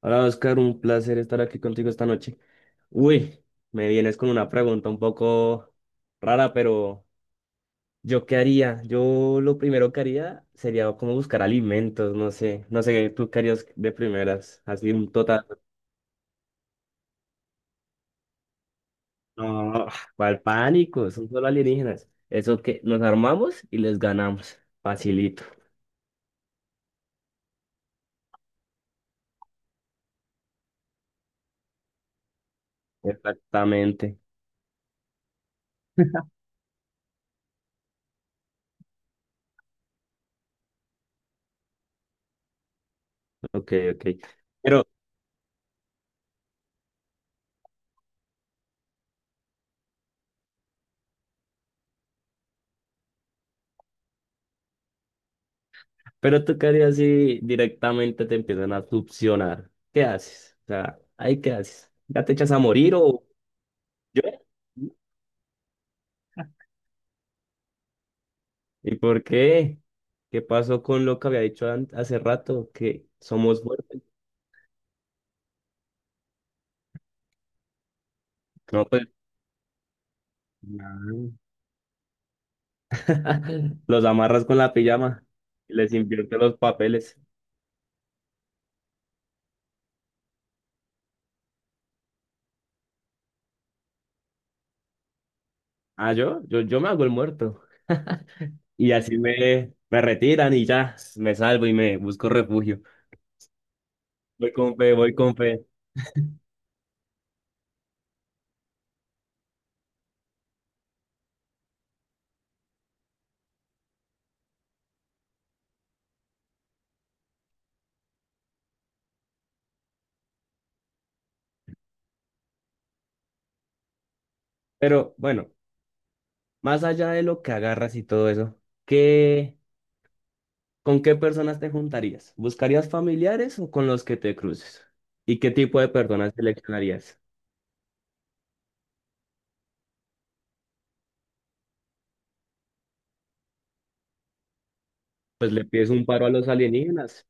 Hola Oscar, un placer estar aquí contigo esta noche. Uy, me vienes con una pregunta un poco rara, pero ¿yo qué haría? Yo lo primero que haría sería como buscar alimentos, no sé, no sé, ¿tú qué harías de primeras? Así un total, no, ¿cuál pánico? Son solo alienígenas. Eso que nos armamos y les ganamos, facilito. Exactamente, ok, ok. Pero Pero tú qué harías si directamente te empiezan a succionar. ¿Qué haces? O sea, ahí qué haces. ¿Ya te echas a morir o lloras? ¿Y por qué? ¿Qué pasó con lo que había dicho hace rato? Que somos fuertes. No, pues nada. Los amarras con la pijama y les invierte los papeles. Ah, yo me hago el muerto. Y así me retiran y ya, me salvo y me busco refugio. Voy con fe, voy con fe. Pero bueno, más allá de lo que agarras y todo eso, ¿qué, con qué personas te juntarías? ¿Buscarías familiares o con los que te cruces? ¿Y qué tipo de personas seleccionarías? Pues le pides un paro a los alienígenas.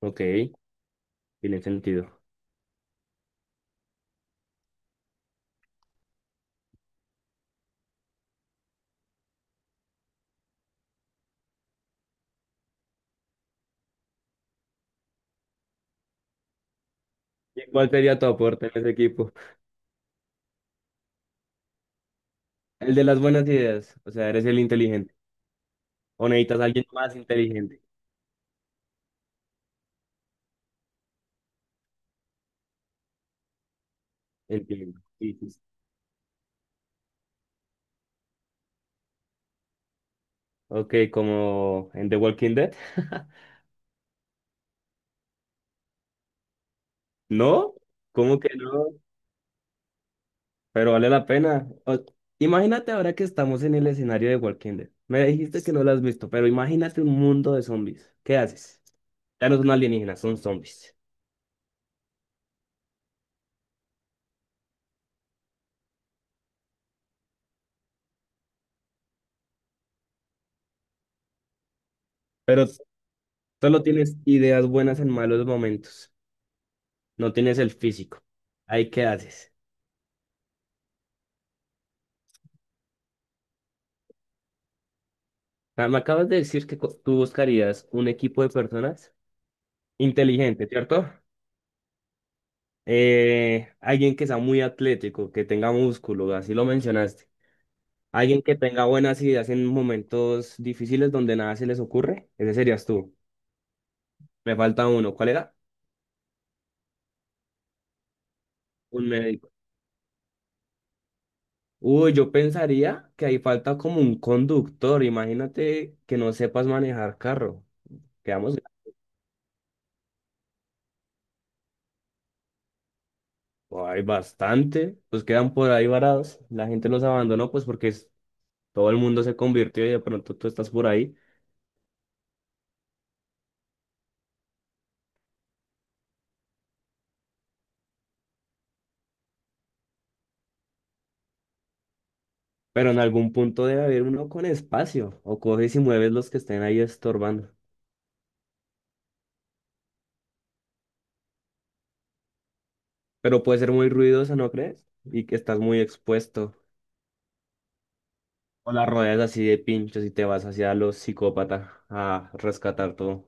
Ok, tiene sentido. ¿Y cuál sería tu aporte en ese equipo? El de las buenas ideas, o sea, eres el inteligente. ¿O necesitas a alguien más inteligente? Entiendo. Sí, sí, sí. Ok, como en The Walking Dead. ¿No? ¿Cómo que no? Pero vale la pena. Imagínate ahora que estamos en el escenario de Walking Dead. Me dijiste que no lo has visto, pero imagínate un mundo de zombies. ¿Qué haces? Ya no son alienígenas, son zombies. Pero solo tienes ideas buenas en malos momentos. No tienes el físico. Ahí, ¿qué haces? Ah, me acabas de decir que tú buscarías un equipo de personas inteligente, ¿cierto? Alguien que sea muy atlético, que tenga músculo, así lo mencionaste. Alguien que tenga buenas ideas en momentos difíciles donde nada se les ocurre, ese serías tú. Me falta uno. ¿Cuál era? Un médico. Uy, yo pensaría que ahí falta como un conductor. Imagínate que no sepas manejar carro. Quedamos, oh, hay bastante, pues quedan por ahí varados. La gente los abandonó, pues porque todo el mundo se convirtió y de pronto tú estás por ahí. Pero en algún punto debe haber uno con espacio. O coges y mueves los que estén ahí estorbando. Pero puede ser muy ruidosa, ¿no crees? Y que estás muy expuesto. O la rodeas así de pinchos y te vas hacia los psicópatas a rescatar todo.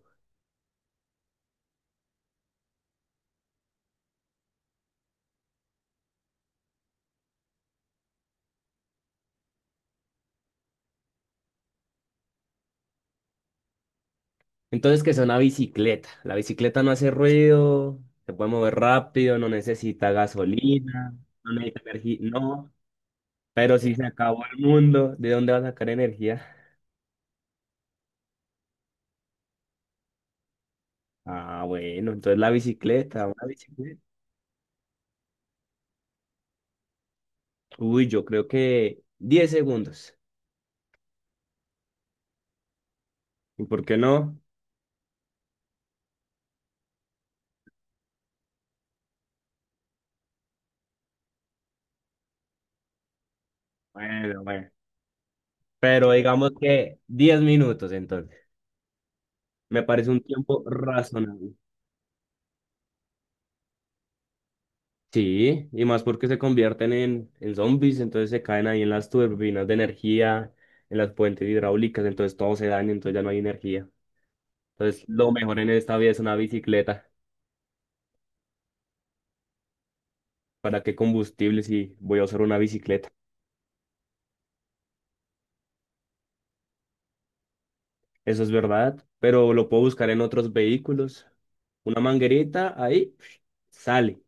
Entonces, que es una bicicleta. La bicicleta no hace ruido, se puede mover rápido, no necesita gasolina, no necesita energía, no. Pero si se acabó el mundo, ¿de dónde va a sacar energía? Ah, bueno, entonces la bicicleta, una bicicleta. Uy, yo creo que 10 segundos. ¿Y por qué no? Bueno, bueno. Pero digamos que 10 minutos entonces. Me parece un tiempo razonable. Sí, y más porque se convierten en zombies, entonces se caen ahí en las turbinas de energía, en las puentes hidráulicas, entonces todo se daña, entonces ya no hay energía. Entonces, lo mejor en esta vida es una bicicleta. ¿Para qué combustible si voy a usar una bicicleta? Eso es verdad, pero lo puedo buscar en otros vehículos. Una manguerita, ahí sale,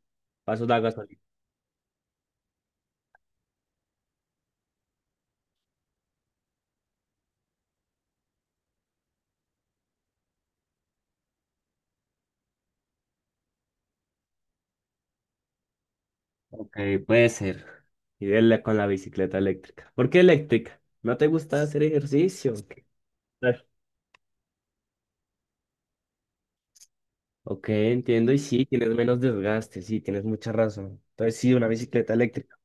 paso de gasolina. Ok, puede ser. Y dele con la bicicleta eléctrica. ¿Por qué eléctrica? ¿No te gusta hacer ejercicio? Ok, entiendo. Y sí, tienes menos desgaste, sí, tienes mucha razón. Entonces, sí, una bicicleta eléctrica.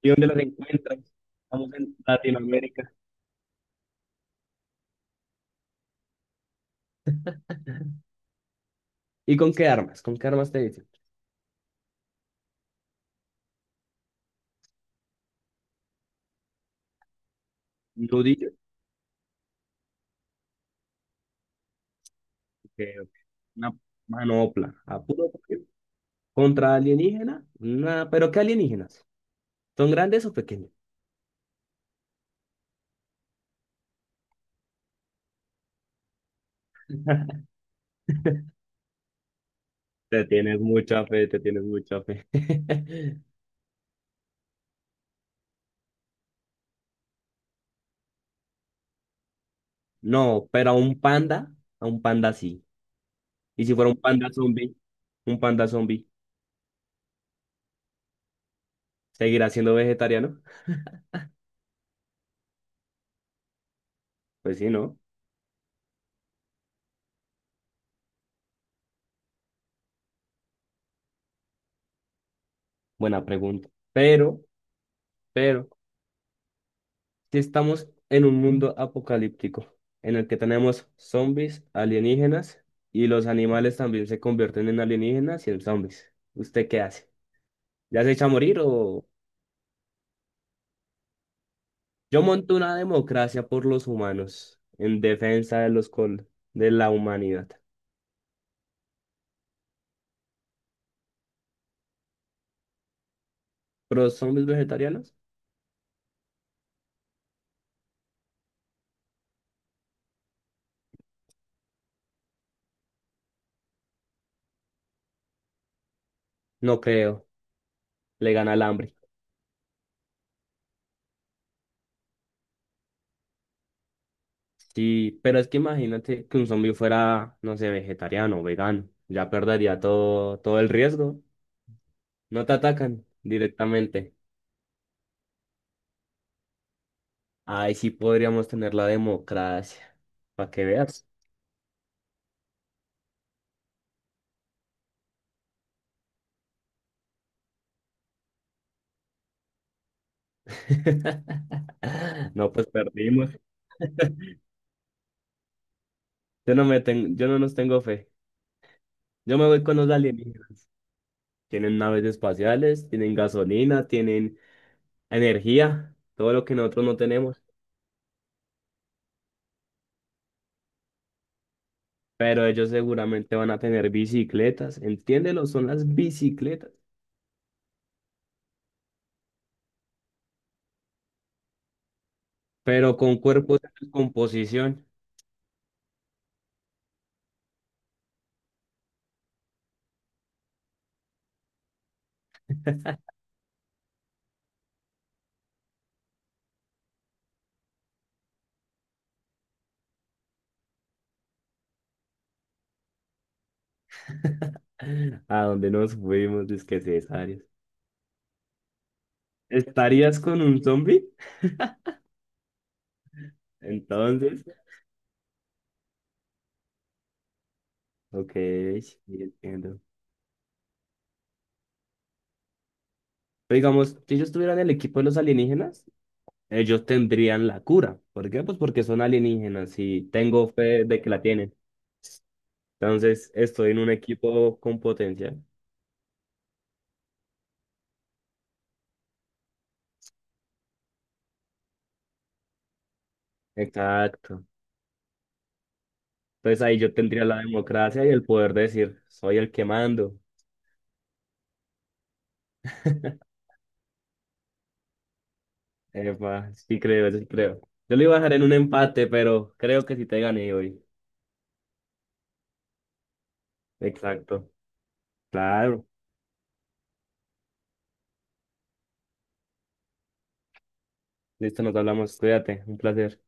¿Y dónde las encuentras? Estamos en Latinoamérica. ¿Y con qué armas? ¿Con qué armas te dicen? Nudillo, que una manopla, a puro tiro. Contra alienígena, nada, pero ¿qué alienígenas? ¿Son grandes o pequeños? Te tienes mucha fe, te tienes mucha fe. No, pero a un panda sí. Y si fuera un panda zombie, ¿seguirá siendo vegetariano? Pues sí, ¿no? Buena pregunta. Pero si estamos en un mundo apocalíptico en el que tenemos zombies, alienígenas y los animales también se convierten en alienígenas y en zombies, ¿usted qué hace? ¿Ya se echa a morir o...? Yo monto una democracia por los humanos en defensa de los de la humanidad. ¿Pero zombies vegetarianos? No creo. Le gana el hambre. Sí, pero es que imagínate que un zombie fuera, no sé, vegetariano o vegano. Ya perdería todo, todo el riesgo. No te atacan directamente. Ahí sí podríamos tener la democracia. Para que veas. No, pues perdimos. Yo no me tengo, yo no nos tengo fe. Yo me voy con los alienígenas. Tienen naves espaciales, tienen gasolina, tienen energía, todo lo que nosotros no tenemos. Pero ellos seguramente van a tener bicicletas. Entiéndelo, son las bicicletas. Pero con cuerpos en descomposición. A donde nos fuimos, disque cesáreos. ¿Estarías con un zombie? Entonces, ok, sí, entiendo. Pero digamos, si yo estuviera en el equipo de los alienígenas, ellos tendrían la cura. ¿Por qué? Pues porque son alienígenas y tengo fe de que la tienen. Entonces, estoy en un equipo con potencia. Exacto. Entonces ahí yo tendría la democracia y el poder de decir, soy el que mando. Epa, sí creo, sí creo. Yo lo iba a dejar en un empate, pero creo que sí te gané hoy. Exacto. Claro. Listo, nos hablamos. Cuídate. Un placer.